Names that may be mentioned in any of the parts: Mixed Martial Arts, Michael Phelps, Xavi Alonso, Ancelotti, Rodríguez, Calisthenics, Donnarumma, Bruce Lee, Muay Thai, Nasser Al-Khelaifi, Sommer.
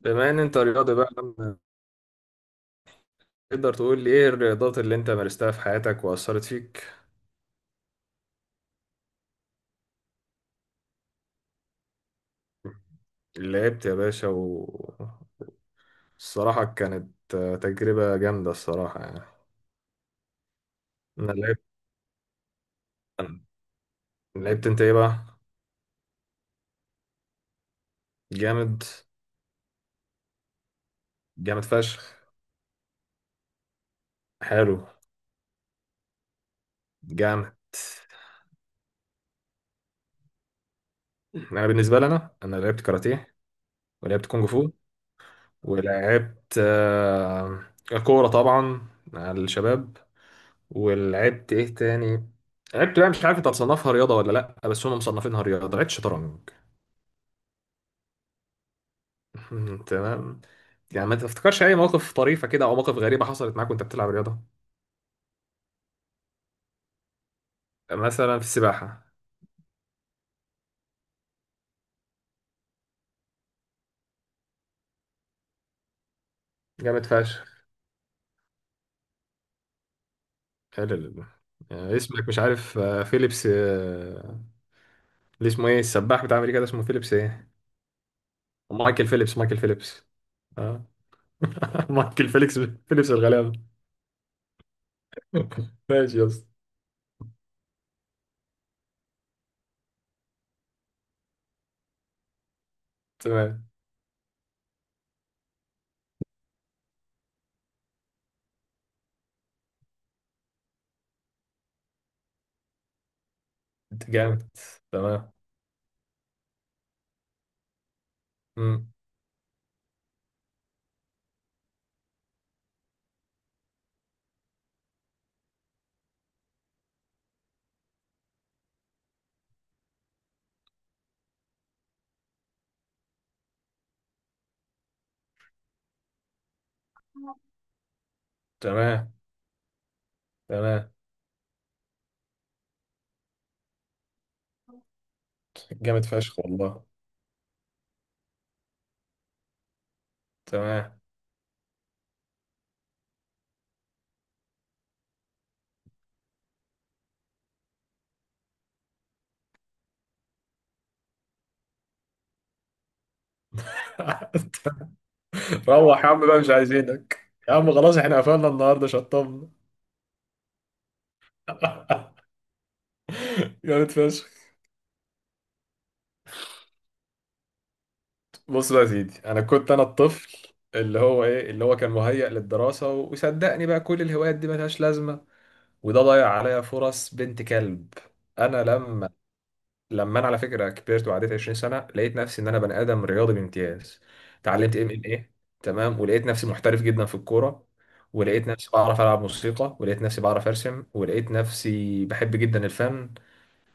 بما ان انت رياضي بقى، لما تقدر تقول لي ايه الرياضات اللي انت مارستها في حياتك واثرت فيك؟ لعبت يا باشا، والصراحه كانت تجربه جامده الصراحه يعني. انا لعبت لعبت انت ايه بقى؟ جامد. جامد فشخ. حلو. جامد. انا بالنسبه لي، انا لعبت كاراتيه، ولعبت كونج فو، ولعبت كوره طبعا مع الشباب. ولعبت ايه تاني؟ لعبت بقى، مش عارف انت هتصنفها رياضه ولا لا، بس هم مصنفينها رياضه، لعبت شطرنج. تمام. يعني ما تفتكرش اي موقف طريفه كده او مواقف غريبه حصلت معاك وانت بتلعب رياضه؟ مثلا في السباحه. جامد فشخ. حلو. يعني اسمك مش عارف فيليبس، اللي اسمه ايه السباح بتاع امريكا ده، اسمه فيليبس ايه؟ مايكل فيليبس، مايكل فيليبس. اه. مايكل فيليبس. فيليبس الغلابه. ماشي يا اسطى. تمام. انت جامد. تمام. مم. تمام. تمام. جامد فشخ والله. تمام. روح يا عم بقى، مش عايزينك يا عم، خلاص احنا قفلنا النهارده، شطبنا. جامد فشخ. بص بقى يا سيدي، انا كنت انا الطفل اللي هو كان مهيأ للدراسه، وصدقني بقى كل الهوايات دي ملهاش لازمه، وده ضيع عليا فرص بنت كلب. انا لما لما انا على فكره كبرت وعديت 20 سنه، لقيت نفسي ان انا بني ادم رياضي بامتياز، اتعلمت ام ام ايه. تمام. ولقيت نفسي محترف جدا في الكوره، ولقيت نفسي بعرف العب موسيقى، ولقيت نفسي بعرف ارسم، ولقيت نفسي بحب جدا الفن.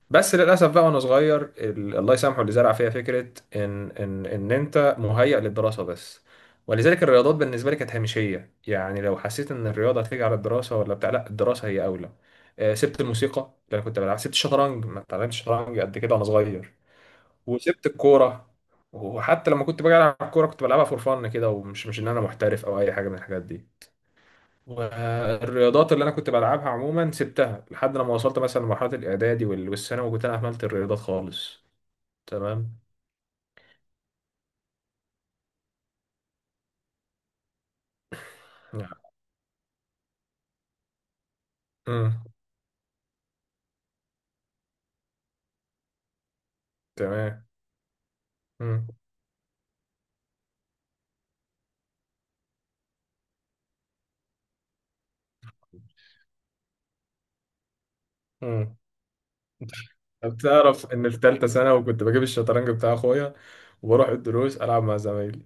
بس للاسف بقى وانا صغير، الله يسامحه اللي زرع فيها فكره ان انت مهيئ للدراسه بس، ولذلك الرياضات بالنسبه لي كانت هامشيه، يعني لو حسيت ان الرياضه هتيجي على الدراسه ولا بتاع، لا، الدراسه هي اولى. سبت الموسيقى اللي انا كنت بلعب، سبت الشطرنج، ما اتعلمتش شطرنج قد كده وانا صغير، وسبت الكوره. وحتى لما كنت باجي العب الكوره كنت بلعبها فور فن كده، ومش مش ان انا محترف او اي حاجه من الحاجات دي. والرياضات اللي انا كنت بلعبها عموما سبتها لحد لما وصلت مثلا لمرحله الاعدادي والثانوي، وكنت انا اهملت الرياضات خالص. تمام. امم. تمام. امم. امم. بتعرف ان في ثالثه ثانوي كنت بجيب الشطرنج بتاع اخويا، وبروح الدروس العب مع زمايلي،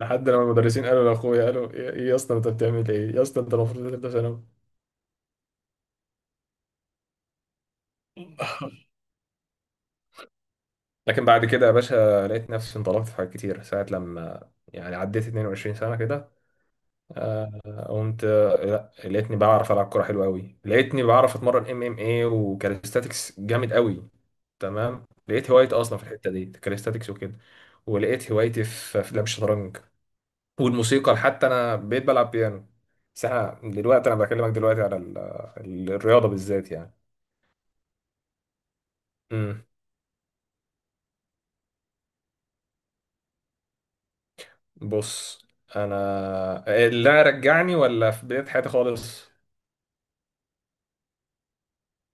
لحد لما المدرسين قالوا لاخويا، قالوا ايه، إيه يا اسطى انت بتعمل ايه يا اسطى، انت المفروض ثالثه ثانوي. لكن بعد كده يا باشا، لقيت نفسي انطلقت في حاجات كتير، ساعه لما يعني عديت 22 سنه كده، آه، قمت آه، لا لقيتني بعرف العب كوره حلوه قوي، لقيتني بعرف اتمرن ام ام اي وكاليستاتكس جامد قوي. تمام. لقيت هوايتي اصلا في الحته دي، كاليستاتكس وكده، ولقيت هوايتي في لعب الشطرنج، والموسيقى حتى انا بقيت بلعب بيانو. بس احنا دلوقتي، انا بكلمك دلوقتي على الرياضه بالذات يعني. امم. بص، انا اللي رجعني ولا في بدايه حياتي خالص؟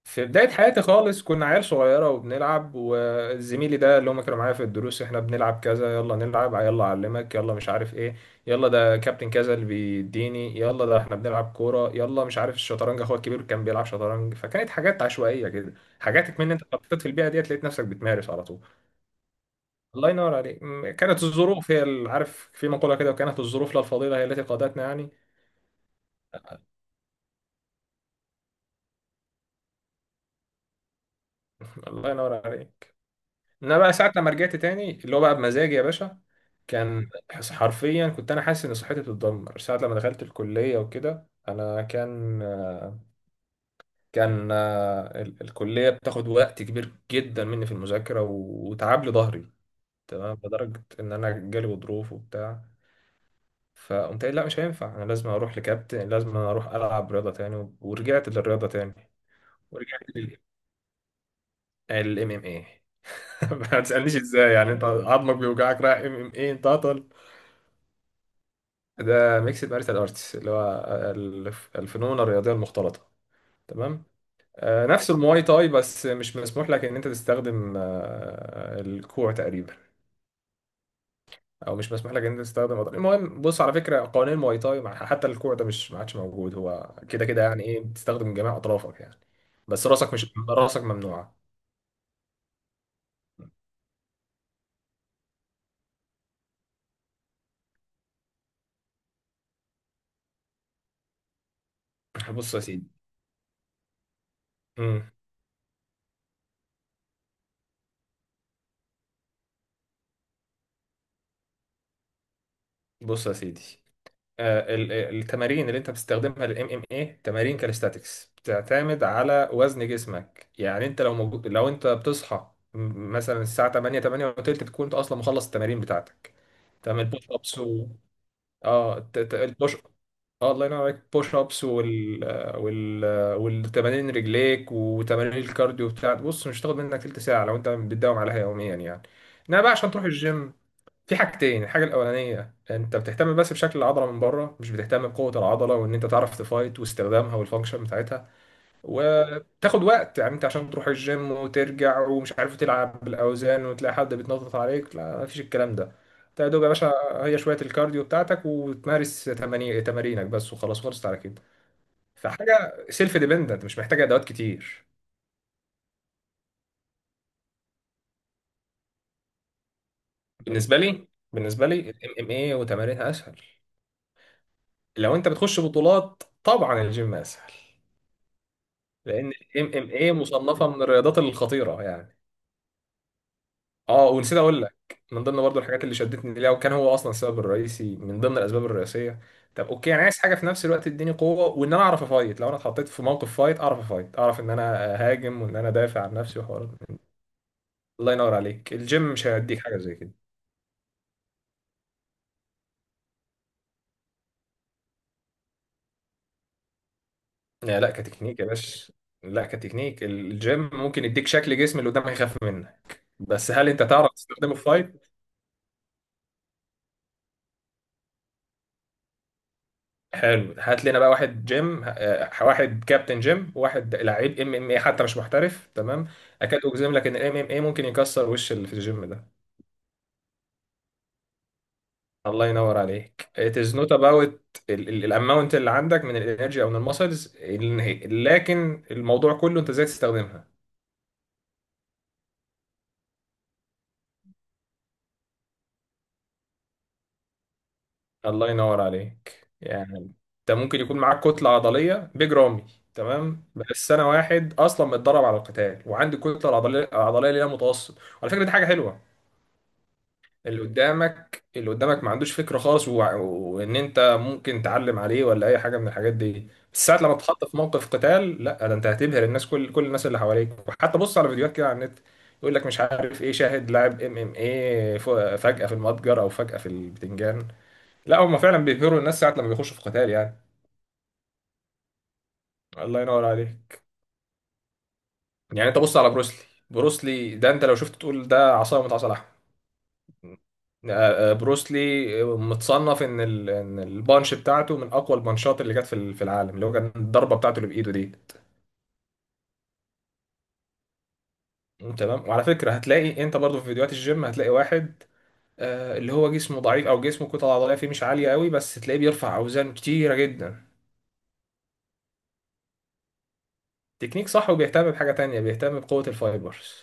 في بداية حياتي خالص كنا عيال صغيرة وبنلعب، وزميلي ده اللي هم كانوا معايا في الدروس، احنا بنلعب كذا، يلا نلعب، يلا أعلمك، يلا مش عارف ايه، يلا ده كابتن كذا اللي بيديني، يلا ده احنا بنلعب كورة، يلا مش عارف، الشطرنج اخويا الكبير كان بيلعب شطرنج، فكانت حاجات عشوائية كده. حاجاتك من انت اتحطيت في البيئة ديت، لقيت نفسك بتمارس على طول. الله ينور عليك. كانت الظروف هي عارف في مقولة كده، وكانت الظروف لا الفضيلة هي التي قادتنا يعني. الله ينور عليك. انا بقى ساعه لما رجعت تاني، اللي هو بقى بمزاجي يا باشا، حرفيا كنت انا حاسس ان صحتي بتتدمر ساعه لما دخلت الكليه وكده. انا كان، الكليه بتاخد وقت كبير جدا مني في المذاكره، وتعب لي ظهري. تمام. لدرجه ان انا جالي غضروف وبتاع، فقمت قايل لا مش هينفع، انا لازم اروح لكابتن، لازم اروح العب رياضه تاني، ورجعت للرياضه تاني. ورجعت للام ام اي. ما تسالنيش ازاي، يعني انت عظمك بيوجعك رايح ام ام اي انت؟ ده ميكس مارشال ارتس، اللي هو الفنون الرياضيه المختلطه. تمام. نفس المواي تاي، بس مش مسموح لك ان انت تستخدم الكوع تقريبا، او مش مسموح لك ان انت تستخدم أضرار. المهم بص على فكره، قوانين المواي تاي حتى الكوع ده مش ما عادش موجود، هو كده كده، يعني ايه، بتستخدم جميع اطرافك يعني، بس راسك، مش راسك ممنوعه. بص يا سيدي. مم. بص يا سيدي، التمارين اللي انت بتستخدمها للام ام اي، تمارين كاليستاتكس بتعتمد على وزن جسمك، يعني انت لو موجود، لو انت بتصحى مثلا الساعه 8 8 وتلت، تكون انت اصلا مخلص التمارين بتاعتك. تمام. البوش ابس و... اه البوش. اه الله ينور عليك، بوش ابس وال... وال... والتمارين رجليك وتمارين الكارديو بتاعت، بص مش هتاخد منك تلت ساعه لو انت بتداوم عليها يوميا يعني. انما بقى عشان تروح الجيم في حاجتين، الحاجة الأولانية أنت بتهتم بس بشكل العضلة من بره، مش بتهتم بقوة العضلة، وإن أنت تعرف تفايت واستخدامها والفانكشن بتاعتها. وتاخد وقت يعني، أنت عشان تروح الجيم وترجع ومش عارف تلعب بالأوزان وتلاقي حد بيتنطط عليك، لا، مفيش الكلام ده. أنت يا دوب يا باشا هي شوية الكارديو بتاعتك، وتمارس تمارينك بس، وخلاص خلصت على كده. فحاجة سيلف ديبندنت، مش محتاجة أدوات كتير. بالنسبة لي، بالنسبة لي الام ام اي وتمارينها أسهل. لو أنت بتخش بطولات، طبعا الجيم أسهل، لان الام ام اي مصنفه من الرياضات الخطيره يعني. اه، ونسيت اقول لك، من ضمن برضو الحاجات اللي شدتني ليها، وكان هو اصلا السبب الرئيسي من ضمن الاسباب الرئيسيه. طب اوكي، انا عايز حاجه في نفس الوقت تديني قوه وان انا اعرف افايت، لو انا اتحطيت في موقف فايت اعرف افايت، اعرف ان انا اهاجم وان انا دافع عن نفسي، وحوارات من دي. الله ينور عليك، الجيم مش هيديك حاجه زي كده. لا لا كتكنيك يا باشا. لا كتكنيك، الجيم ممكن يديك شكل جسم اللي قدامك يخاف منه، بس هل انت تعرف تستخدمه في فايت؟ حلو. هات لنا بقى واحد جيم، واحد كابتن جيم وواحد لعيب ام ام اي، حتى مش محترف، تمام، اكاد اجزم لك ان الام ام اي ممكن يكسر وش اللي في الجيم ده. الله ينور عليك. it is not about الاماونت اللي عندك من الانرجي او من المسلز، لكن الموضوع كله انت ازاي تستخدمها. الله ينور عليك يعني. انت ممكن يكون معاك كتلة عضلية بيج رامي، تمام، بس انا واحد اصلا متدرب على القتال وعندي الكتلة العضلية اللي هي متوسط، على فكرة دي حاجة حلوة. اللي قدامك ما عندوش فكرة خالص، وان انت ممكن تعلم عليه ولا اي حاجة من الحاجات دي، بس ساعة لما تتحط في موقف قتال، لا، ده انت هتبهر الناس، كل الناس اللي حواليك. وحتى بص على فيديوهات كده على النت، يقول لك مش عارف ايه، شاهد لاعب ام ام ايه فجأة في المتجر او فجأة في البتنجان، لا، هم فعلا بيبهروا الناس ساعة لما بيخشوا في قتال يعني. الله ينور عليك يعني. انت بص على بروسلي، بروسلي ده انت لو شفت تقول ده عصاية من عصا لحم. بروسلي متصنف ان ان البانش بتاعته من اقوى البانشات اللي جت في العالم، اللي هو كان الضربه بتاعته اللي بايده دي. تمام. وعلى فكره هتلاقي انت برضو في فيديوهات الجيم، هتلاقي واحد اللي هو جسمه ضعيف او جسمه كتله عضليه فيه مش عاليه قوي، بس تلاقيه بيرفع اوزان كتيره جدا. تكنيك صح، وبيهتم بحاجه تانية، بيهتم بقوه الفايبرز.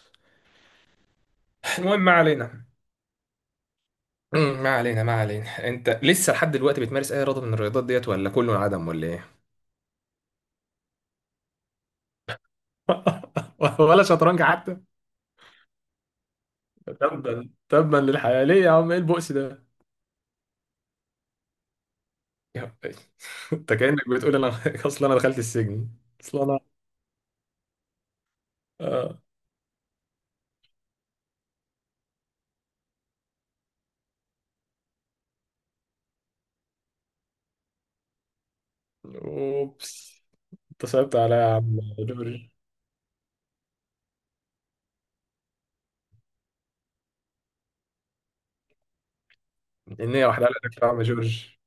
المهم ما علينا. مم، ما علينا، ما علينا. انت لسه لحد دلوقتي بتمارس اي رياضه من الرياضات ديت ولا كله عدم ولا ايه؟ ولا شطرنج حتى؟ تبا تبا للحياة، ليه يا عم، ايه البؤس ده؟ يا عم، إيه؟ انت كأنك بتقول انا اصل انا دخلت السجن. اصل انا آه. اوبس. انت صعبت عليا يا عم جورج. النية واحدة لك يا عم جورج.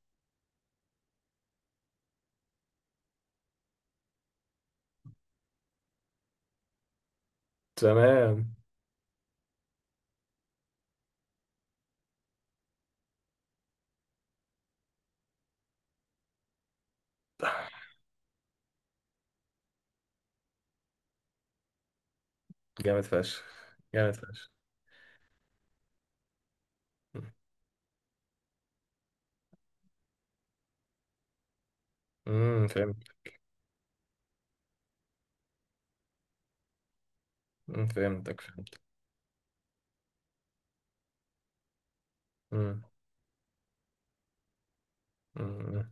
تمام. جامد فشخ. جامد فشخ. فهمت. أمم، فهمتك فهمت. امم. أمم،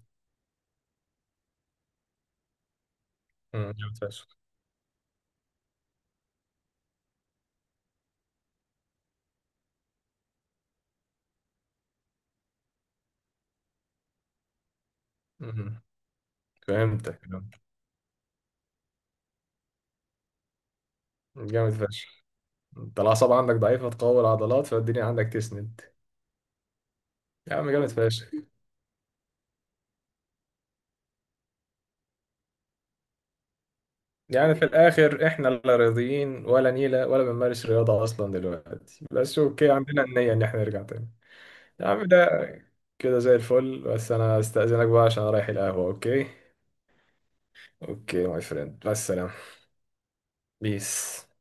أمم، جامد فشخ. أمم، فهمتك فهمت. جامد فشخ. انت الاعصاب عندك ضعيفة، تقوي العضلات، فالدنيا عندك تسند. يا عم جامد فشخ. يعني في الآخر إحنا لا راضيين ولا نيلة ولا بنمارس رياضة أصلا دلوقتي، بس أوكي عندنا النية إن إحنا نرجع تاني. يا عم، ده كده زي الفل، بس أنا أستأذنك بقى عشان أنا رايح القهوة، أوكي. أوكي ماي فريند، مع السلامة. بيس.